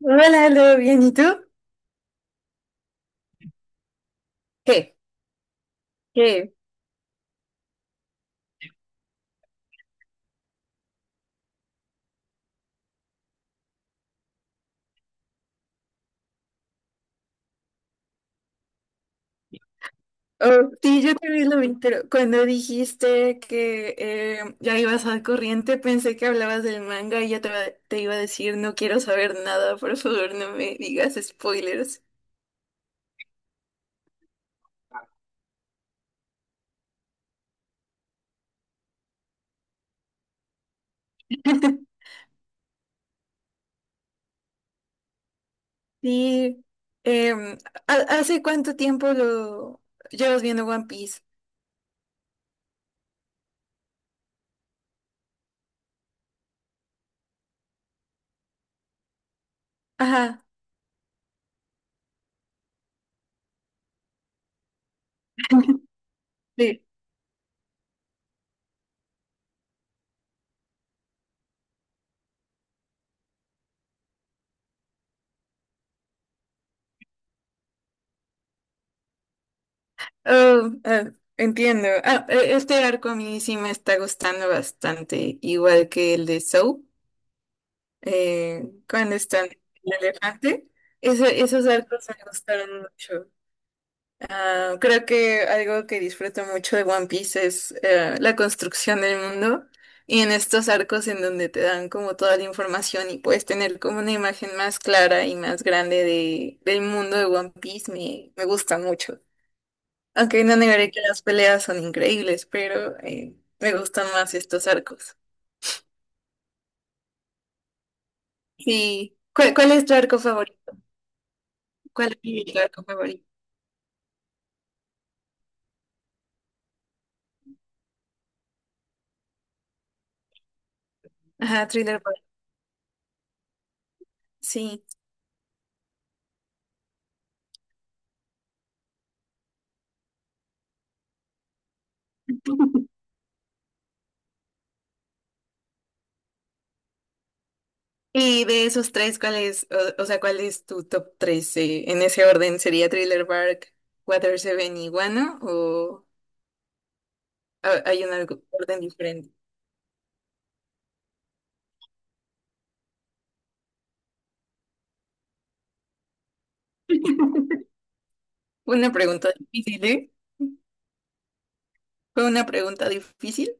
Hola, ¿lo bien? ¿Y tú? ¿Qué? ¿Qué? Oh, sí, yo también lo vi, pero cuando dijiste que ya ibas al corriente, pensé que hablabas del manga y ya te iba a decir, no quiero saber nada, por favor, no me digas spoilers. Sí, em, ¿hace cuánto tiempo lo llevas viendo One Piece? Ajá, sí. Oh, entiendo. Este arco a mí sí me está gustando bastante, igual que el de Soap. Cuando están en el elefante. Esos arcos me gustaron mucho. Ah, creo que algo que disfruto mucho de One Piece es la construcción del mundo y en estos arcos en donde te dan como toda la información y puedes tener como una imagen más clara y más grande del mundo de One Piece me gusta mucho. Aunque no negaré que las peleas son increíbles, pero me gustan más estos arcos. Sí. ¿Cuál es tu arco favorito? ¿Cuál es tu arco favorito? Ajá, Thriller Boy, sí. Y de esos tres, o sea, ¿cuál es tu top tres? En ese orden, ¿sería Thriller Bark, Water Seven y Guano? ¿O hay un orden diferente? Fue una pregunta difícil, ¿eh? Fue una pregunta difícil.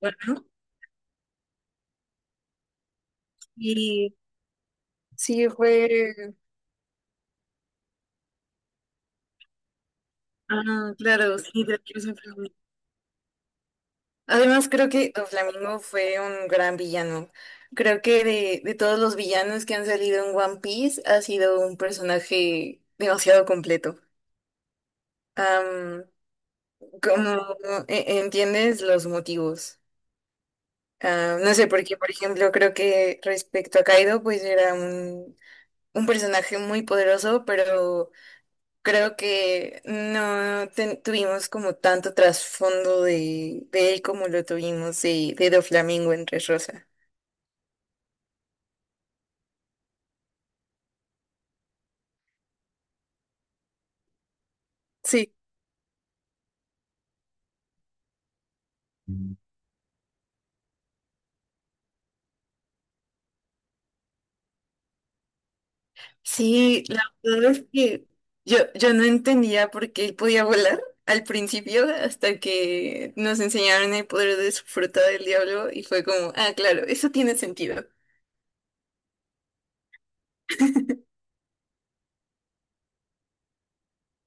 Bueno, y sí, fue… Ah, claro, sí, de. Además, creo que Don Flamingo fue un gran villano. Creo que de todos los villanos que han salido en One Piece, ha sido un personaje demasiado completo. Am, como entiendes los motivos. Ah, no sé por qué, por ejemplo, creo que respecto a Kaido, pues un personaje muy poderoso, pero creo que no tuvimos como tanto trasfondo de él como lo tuvimos de Doflamingo en Rosa. Sí. Sí, la verdad es que yo no entendía por qué él podía volar al principio hasta que nos enseñaron el poder de su fruta del diablo y fue como, ah, claro, eso tiene sentido.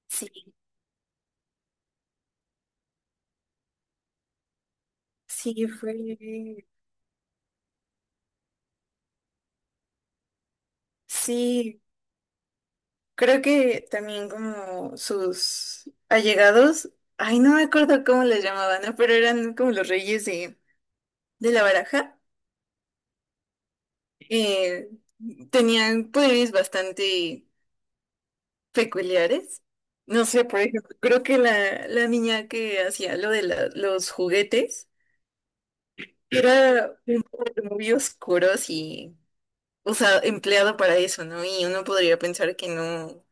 Sí, sí, fue… Sí, creo que también como sus allegados, ay, no me acuerdo cómo les llamaban, ¿no? Pero eran como los reyes de la baraja. eh, Tenían poderes bastante… peculiares. No sé, por ejemplo, creo que la niña que hacía lo de los juguetes era un poco muy oscuro y, o sea, empleado para eso, ¿no? Y uno podría pensar que no,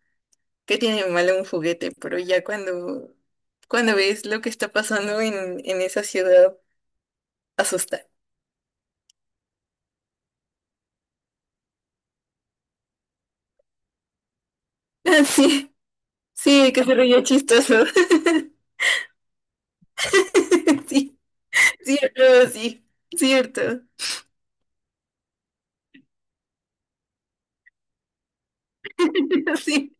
que tiene de malo un juguete, pero ya cuando ves lo que está pasando en esa ciudad, asusta. Sí, sí, que se veía chistoso. Sí, cierto, sí, cierto. Sí.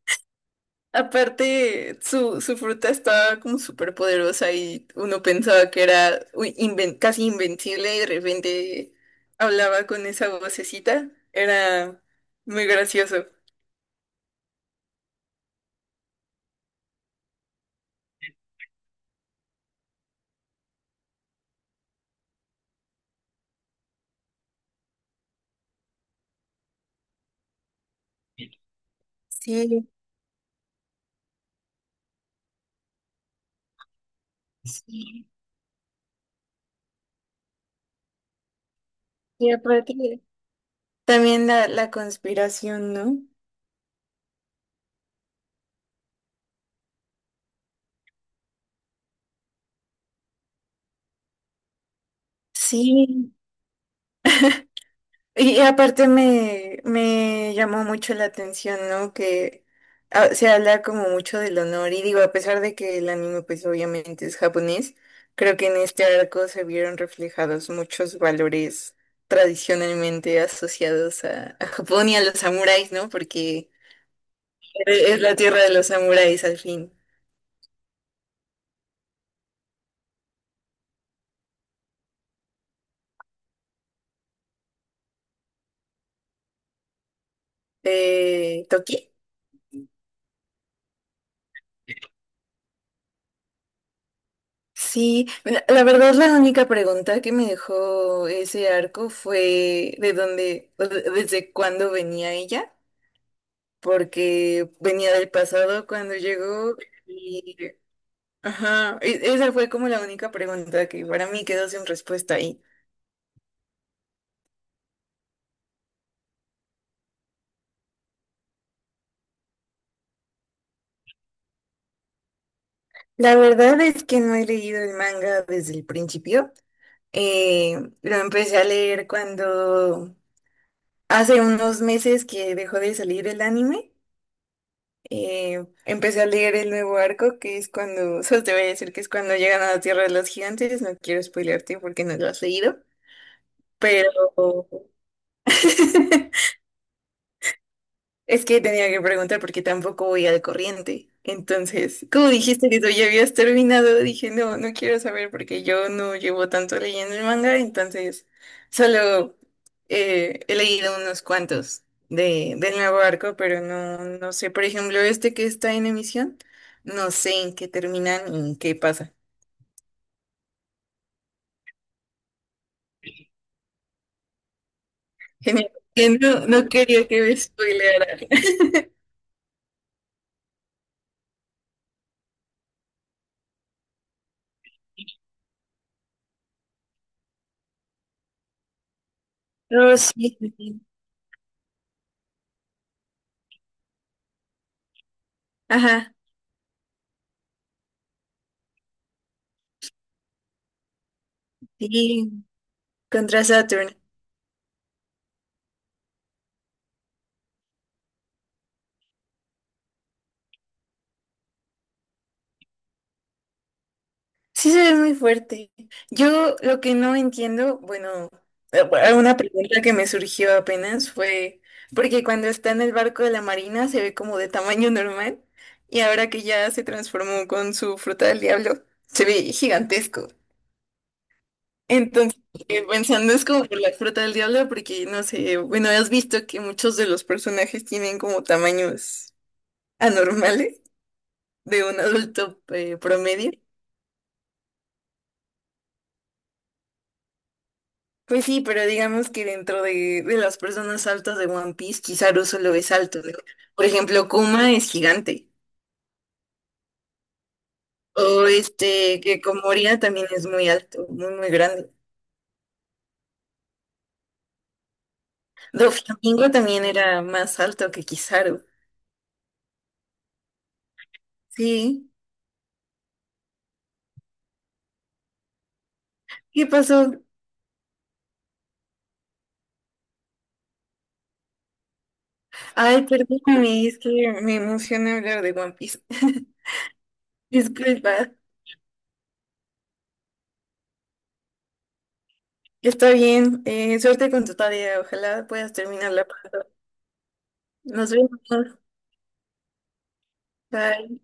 Aparte, su fruta estaba como súper poderosa y uno pensaba que era uy, casi invencible y de repente hablaba con esa vocecita. Era muy gracioso. Sí, sí. Y aparte, también la conspiración, ¿no? Sí. Y aparte me llamó mucho la atención, ¿no? Que se habla como mucho del honor y digo, a pesar de que el anime pues obviamente es japonés, creo que en este arco se vieron reflejados muchos valores tradicionalmente asociados a Japón y a los samuráis, ¿no? Porque es la tierra de los samuráis al fin. ¿Toki? Sí, la la verdad la única pregunta que me dejó ese arco fue de dónde, o desde cuándo venía ella, porque venía del pasado cuando llegó y, ajá, esa fue como la única pregunta que para mí quedó sin respuesta ahí. La verdad es que no he leído el manga desde el principio. Lo empecé a leer cuando hace unos meses que dejó de salir el anime. Empecé a leer el nuevo arco, que es cuando, solo te voy a decir que es cuando llegan a la Tierra de los Gigantes, no quiero spoilearte porque no lo has leído, pero Es que tenía que preguntar porque tampoco voy al corriente. Entonces, como dijiste que tú ya habías terminado, dije, no, no quiero saber porque yo no llevo tanto leyendo el manga, entonces solo he leído unos cuantos del nuevo arco, pero no, no sé, por ejemplo, este que está en emisión, no sé en qué terminan y en qué pasa. Genial. Que no, no quería que me spoilearan. No, sí. Sí, sí. Ajá, sí, contra Saturn. Sí, se ve muy fuerte. Yo lo que no entiendo, bueno, una pregunta que me surgió apenas fue, porque cuando está en el barco de la marina se ve como de tamaño normal y ahora que ya se transformó con su fruta del diablo, se ve gigantesco. Entonces, pensando es como por la fruta del diablo, porque no sé, bueno, has visto que muchos de los personajes tienen como tamaños anormales de un adulto promedio. Pues sí, pero digamos que dentro de las personas altas de One Piece, quizá solo es alto. ¿No? Por ejemplo, Kuma es gigante. O este, que Komoria también es muy alto, muy, muy grande. Doflamingo también era más alto que Kizaru. Sí. ¿Qué pasó? Ay, perdóname, es que me emociona hablar de One Piece. Disculpa. Está bien. Suerte con tu tarea. Ojalá puedas terminarla. Nos vemos. Bye.